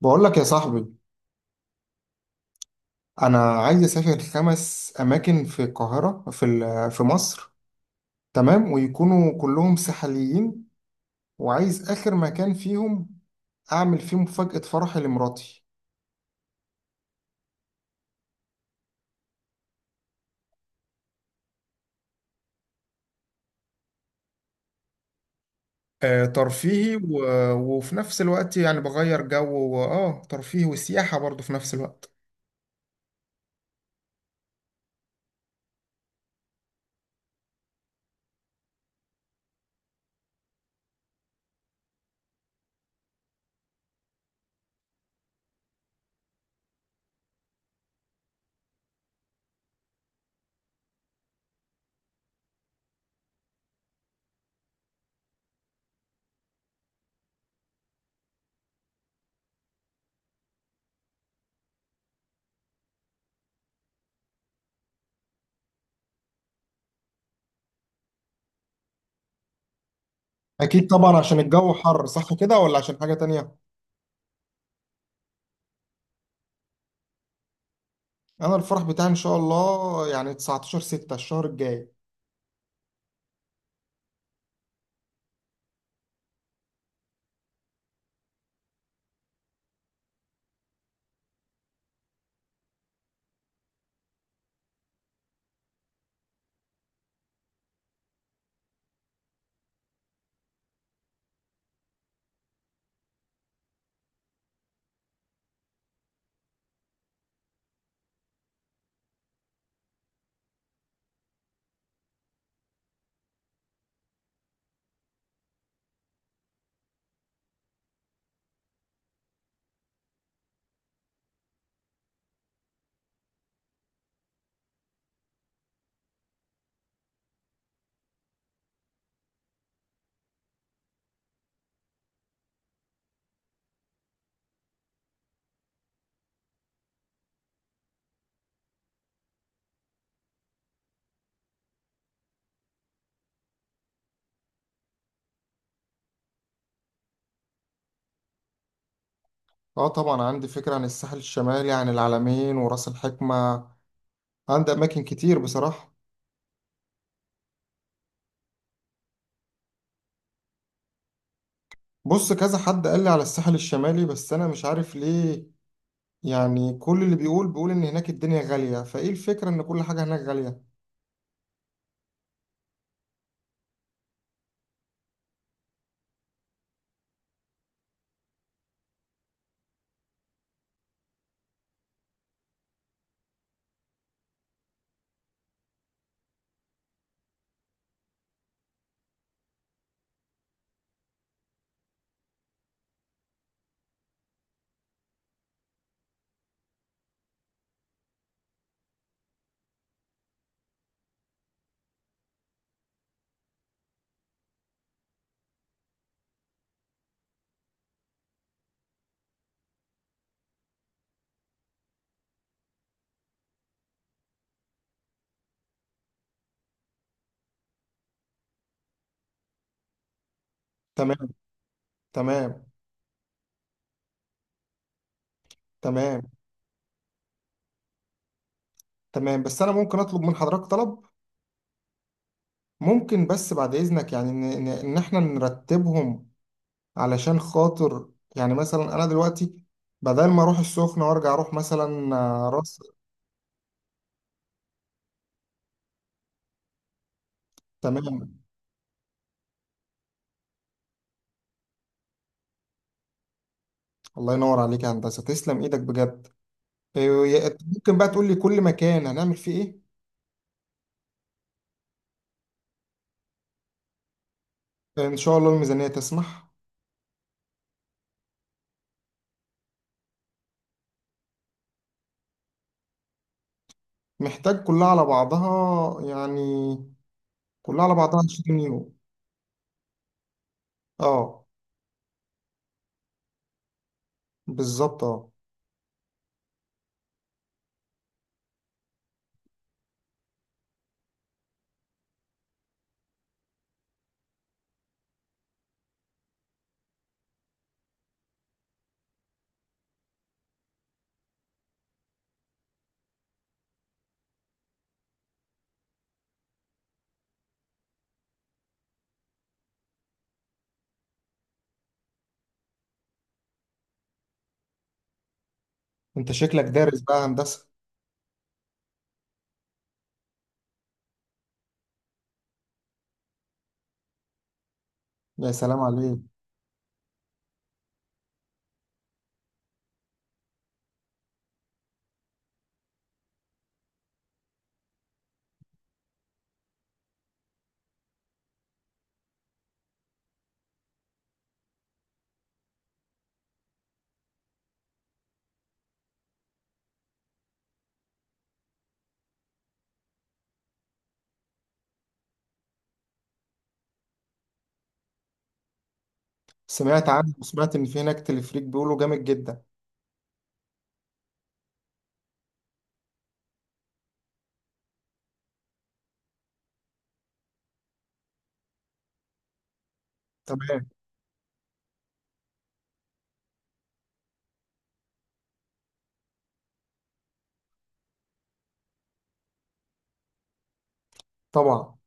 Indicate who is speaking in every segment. Speaker 1: بقول لك يا صاحبي. انا عايز اسافر خمس اماكن في القاهره، في مصر. تمام، ويكونوا كلهم ساحليين، وعايز اخر مكان فيهم اعمل فيه مفاجاه فرحي لمراتي. آه، ترفيهي، وفي نفس الوقت يعني بغير جو، واه ترفيهي وسياحه برضه في نفس الوقت. اكيد طبعا، عشان الجو حر صح كده، ولا عشان حاجه تانية؟ انا الفرح بتاعي ان شاء الله يعني 19 6 الشهر الجاي. اه طبعا، عندي فكرة عن الساحل الشمالي، عن العلمين وراس الحكمة. عندي أماكن كتير بصراحة. بص، كذا حد قال لي على الساحل الشمالي، بس أنا مش عارف ليه. يعني كل اللي بيقول بيقول إن هناك الدنيا غالية، فإيه الفكرة إن كل حاجة هناك غالية؟ تمام. تمام. تمام. تمام، بس أنا ممكن أطلب من حضرتك طلب؟ ممكن بس بعد إذنك، يعني إن إحنا نرتبهم، علشان خاطر يعني مثلا أنا دلوقتي بدل ما أروح السخنة وأرجع أروح مثلا، آه، راس تمام. الله ينور عليك يا هندسة، تسلم إيدك بجد. إيه، ممكن بقى تقول لي كل مكان هنعمل فيه إيه؟ إن شاء الله الميزانية تسمح. محتاج كلها على بعضها يعني، كلها على بعضها 20 يورو. اه، بالظبط اه. انت شكلك دارس بقى هندسة. يا سلام عليك. سمعت عنه، وسمعت ان في هناك تلفريك بيقولوا جامد جدا. تمام. طبعا.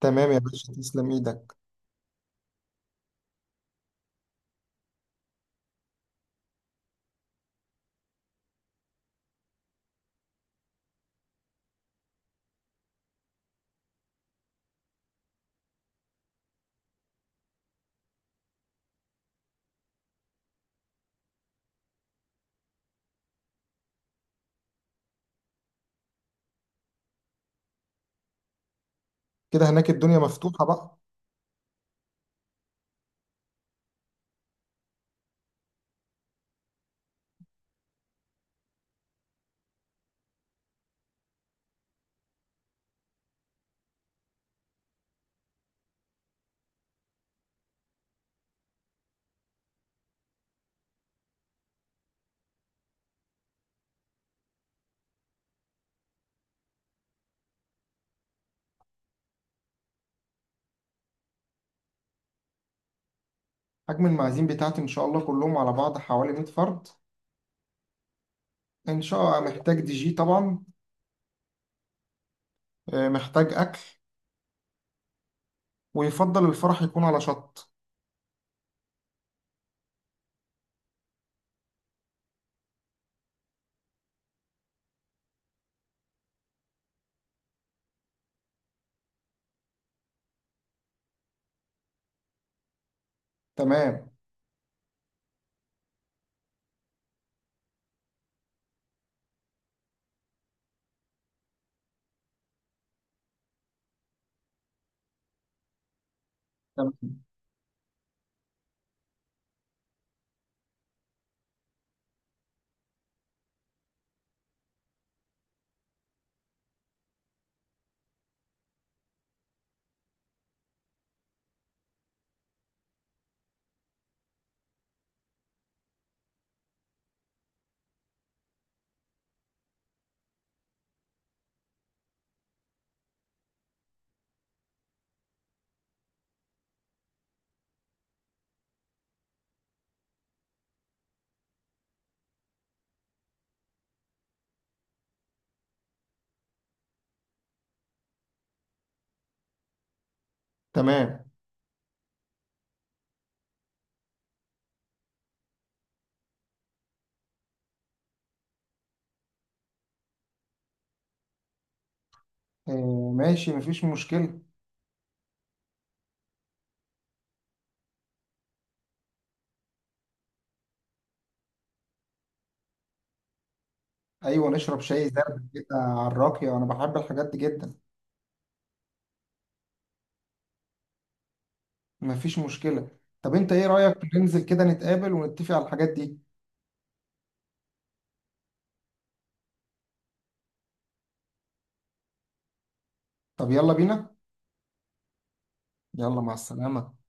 Speaker 1: تمام يا باشا، تسلم ايدك. كده هناك الدنيا مفتوحة بقى. حجم المعازيم بتاعتي ان شاء الله كلهم على بعض حوالي 100 فرد. ان شاء الله. محتاج دي جي طبعا. آه، محتاج اكل. ويفضل الفرح يكون على شط. تمام. تمام. تمام. إيه، ماشي، مفيش مشكلة. أيوة، نشرب شاي زرد كده على الراقية، أنا بحب الحاجات دي جدا. مفيش مشكلة. طب أنت إيه رأيك ننزل كده نتقابل ونتفق على الحاجات دي؟ طب يلا بينا. يلا مع السلامة.